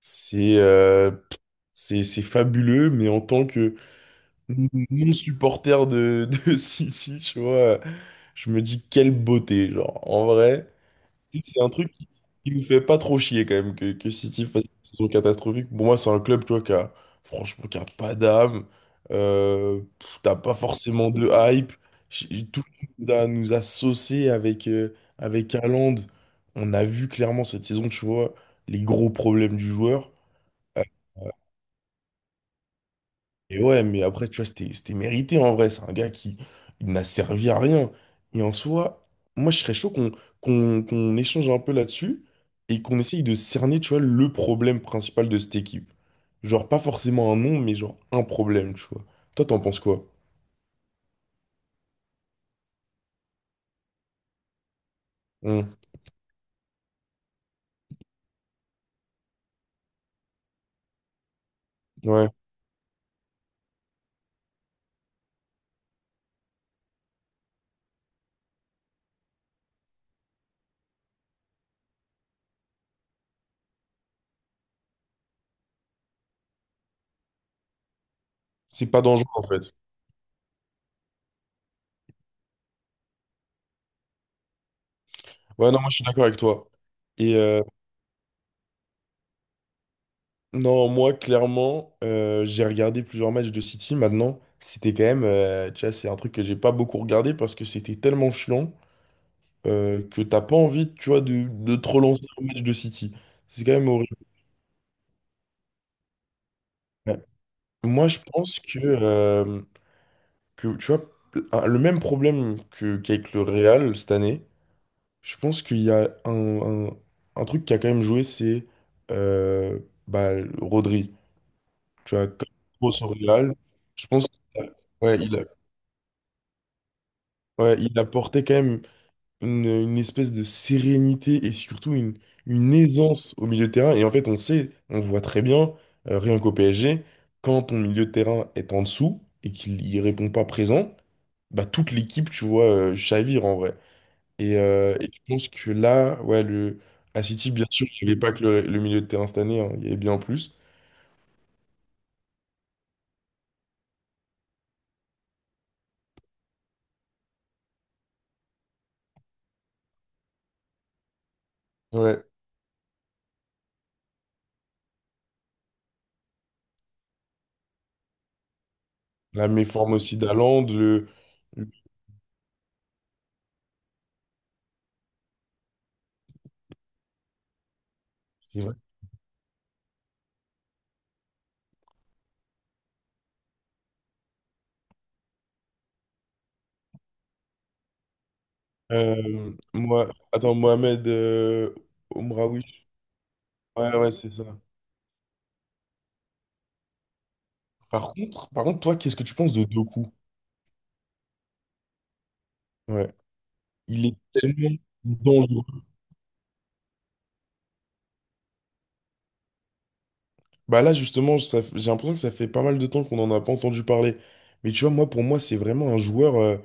C'est euh, c'est fabuleux, mais en tant que non-supporter de City, tu vois, je me dis quelle beauté, genre, en vrai. C'est un truc qui nous fait pas trop chier quand même que City fasse une saison catastrophique. Pour moi, c'est un club, tu vois, qui a, franchement, qui a pas d'âme. T'as pas forcément de hype. Tout le monde nous a saucé avec, avec Haaland. On a vu clairement cette saison, tu vois, les gros problèmes du joueur. Euh, euh, Et ouais, mais après, tu vois, c'était mérité en vrai. C'est un gars qui il n'a servi à rien. Et en soi, moi, je serais chaud qu'on échange un peu là-dessus et qu'on essaye de cerner, tu vois, le problème principal de cette équipe. Genre, pas forcément un nom, mais genre un problème, tu vois. Toi, t'en penses quoi? Hmm. Ouais, c'est pas dangereux en fait. Ouais, non, moi, je suis d'accord avec toi. Et, euh, Non, moi, clairement, j'ai regardé plusieurs matchs de City. Maintenant, c'était quand même, tu vois, c'est un truc que j'ai pas beaucoup regardé parce que c'était tellement chiant que t'as pas envie, tu vois, de te relancer un match de City. C'est quand même horrible. Ouais. Moi, je pense que tu vois, le même problème qu'avec le Real cette année, je pense qu'il y a un truc qui a quand même joué, c'est euh, bah, Rodri. Tu vois, comme grosse au Real, je pense. Ouais, il a- Ouais, il apportait quand même une espèce de sérénité et surtout une aisance au milieu de terrain. Et en fait, on sait, on voit très bien, rien qu'au PSG, quand ton milieu de terrain est en dessous et qu'il y répond pas présent, bah toute l'équipe, tu vois, chavire en vrai. Et je pense que là, ouais, à City, bien sûr, il n'y avait pas que le milieu de terrain cette année, hein, il y avait bien plus. Ouais. La méforme aussi d'Haaland, le- c'est vrai. Moi, attends, Ouais, ouais, c'est ça. Par contre, toi, qu'est-ce que tu penses de Doku? Ouais. Il est tellement dangereux. Bah là, justement, j'ai l'impression que ça fait pas mal de temps qu'on n'en a pas entendu parler. Mais tu vois, moi, pour moi, c'est vraiment un joueur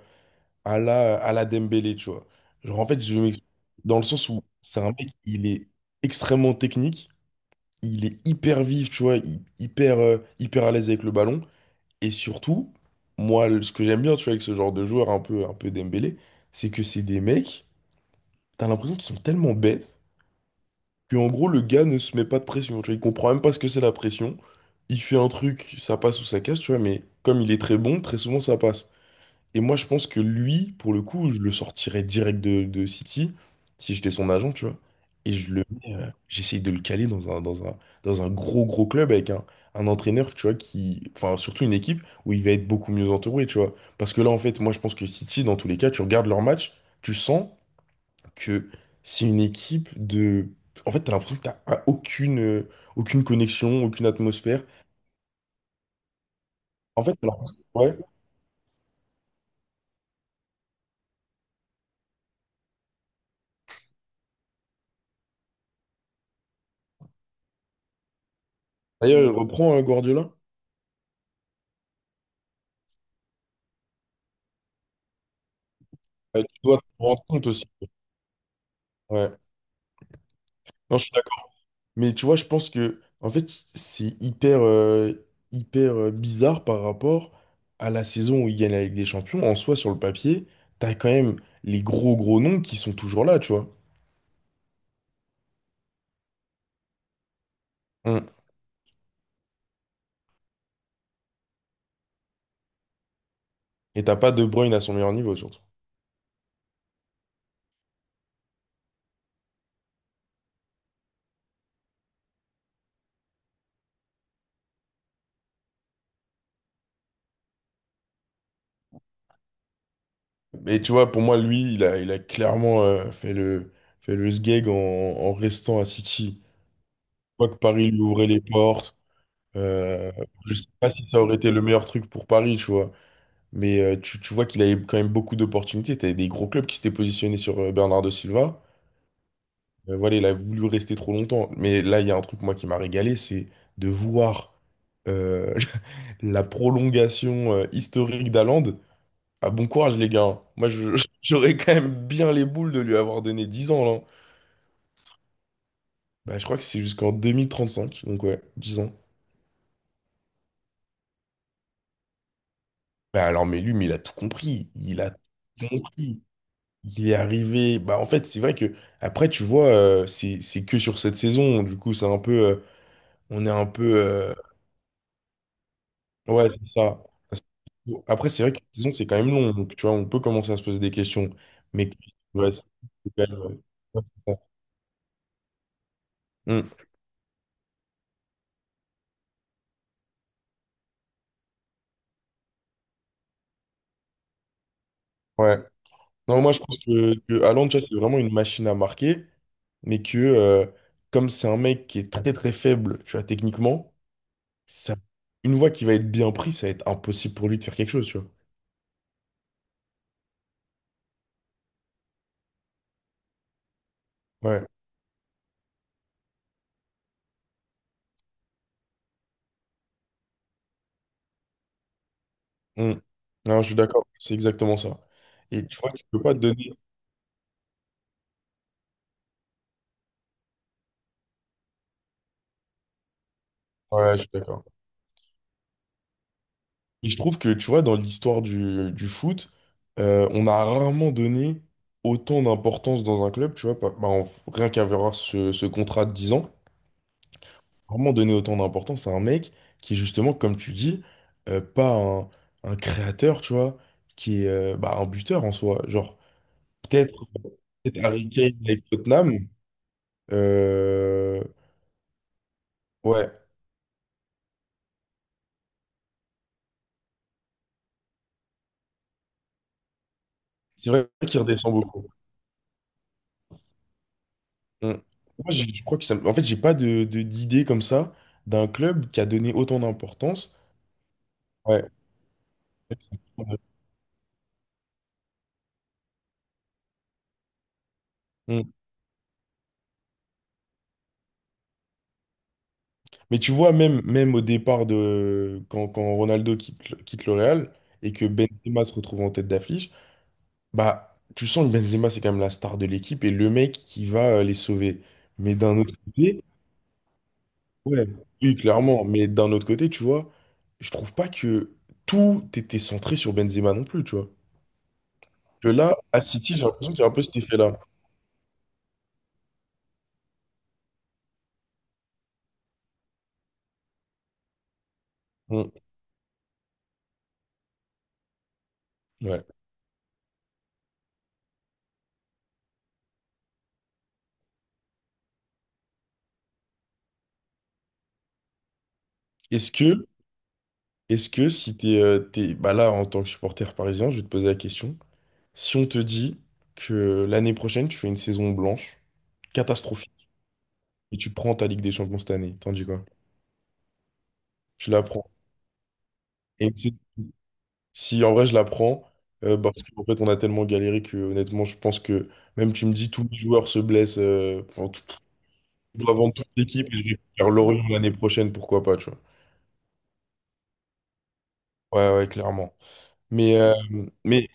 à à la Dembélé, tu vois. Genre, en fait, je m'explique. Dans le sens où c'est un mec, il est extrêmement technique, il est hyper vif, tu vois, hyper, hyper à l'aise avec le ballon. Et surtout, moi, ce que j'aime bien, tu vois, avec ce genre de joueur un peu Dembélé, c'est que c'est des mecs. T'as l'impression qu'ils sont tellement bêtes que en gros le gars ne se met pas de pression. Tu vois, il comprend même pas ce que c'est la pression. Il fait un truc, ça passe ou ça casse, tu vois, mais comme il est très bon, très souvent ça passe. Et moi je pense que lui, pour le coup, je le sortirais direct de City, si j'étais son agent, tu vois. Et je le mets, j'essaye de le caler dans un gros gros club avec un entraîneur, tu vois, qui. Enfin, surtout une équipe où il va être beaucoup mieux entouré, tu vois. Parce que là, en fait, moi je pense que City, dans tous les cas, tu regardes leur match, tu sens que c'est une équipe de... En fait, t'as l'impression que t'as aucune, aucune connexion, aucune atmosphère. En fait, t'as ouais. D'ailleurs, reprends Guardiola. Tu dois te rendre compte aussi. Ouais. Non, je suis d'accord. Mais tu vois, je pense que, en fait, c'est hyper, hyper bizarre par rapport à la saison où ils gagnent la Ligue des Champions. En soi, sur le papier, t'as quand même les gros, gros noms qui sont toujours là, tu vois. Mm. Et t'as pas De Bruyne à son meilleur niveau, surtout. Mais tu vois, pour moi, lui, il a clairement fait fait le sgeg en restant à City. Je crois que Paris lui ouvrait les portes. Euh, je sais pas si ça aurait été le meilleur truc pour Paris, tu vois. Mais tu vois qu'il avait quand même beaucoup d'opportunités. T'avais des gros clubs qui s'étaient positionnés sur Bernardo Silva. Voilà, il a voulu rester trop longtemps. Mais là, il y a un truc, moi, qui m'a régalé, c'est de voir euh, la prolongation historique d'Haaland. Ah, bon courage, les gars, hein. Moi, j'aurais quand même bien les boules de lui avoir donné 10 ans, là. Bah, je crois que c'est jusqu'en 2035, donc ouais, 10 ans. Bah, alors, mais lui, mais il a tout compris. Il a tout compris. Il est arrivé. Bah, en fait, c'est vrai que, après, tu vois, c'est que sur cette saison. Du coup, c'est un peu. On est un peu. Ouais, c'est ça. Parce Après, c'est vrai que la saison, c'est quand même long. Donc, tu vois, on peut commencer à se poser des questions. Mais, ouais, c'est quand même. Ouais, c'est ça. Hmm, ouais. Non, moi je pense que Haaland, tu vois, c'est vraiment une machine à marquer, mais que comme c'est un mec qui est très très faible, tu vois, techniquement, ça, une fois qu'il va être bien pris, ça va être impossible pour lui de faire quelque chose, tu vois. Ouais. Mm. Non, je suis d'accord, c'est exactement ça. Et tu vois, tu peux pas te donner. Ouais, je suis d'accord. Et je trouve que, tu vois, dans l'histoire du foot, on a rarement donné autant d'importance dans un club, tu vois, rien qu'à voir ce contrat de 10 ans. Vraiment donner autant d'importance à un mec qui est justement, comme tu dis, pas un, un créateur, tu vois, qui est un buteur en soi. Genre, peut-être peut-être Harry Kane avec Tottenham. euh, ouais, c'est vrai qu'il redescend beaucoup. Mm. Je crois que ça... En fait, j'ai pas d'idée comme ça d'un club qui a donné autant d'importance. Ouais. Mm. Mais tu vois, même, même au départ de quand Ronaldo quitte, quitte le Real et que Benzema se retrouve en tête d'affiche, bah, tu sens que Benzema, c'est quand même la star de l'équipe et le mec qui va les sauver. Mais d'un autre côté, ouais, oui, clairement. Mais d'un autre côté, tu vois, je trouve pas que tout était centré sur Benzema non plus, tu vois. Que là, à City, j'ai l'impression qu'il y a un peu cet effet-là. Mm. Ouais. Est-ce que, est-ce que si bah là, en tant que supporter parisien, je vais te poser la question. Si on te dit que l'année prochaine, tu fais une saison blanche, catastrophique, et tu prends ta Ligue des Champions cette année, t'en dis quoi? Tu la prends. Et Si en vrai je la prends, bah, parce qu'en fait on a tellement galéré que honnêtement je pense que même tu me dis tous les joueurs se blessent, on doit vendre toute l'équipe et je vais faire Lorient l'année prochaine, pourquoi pas, tu vois. Ouais, ouais, clairement. Mais, euh, mais,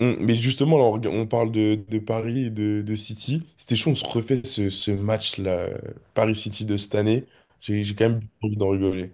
mais justement, là, on parle de Paris et de City. C'était chaud, on se refait ce match-là, Paris-City de cette année. J'ai quand même envie d'en rigoler.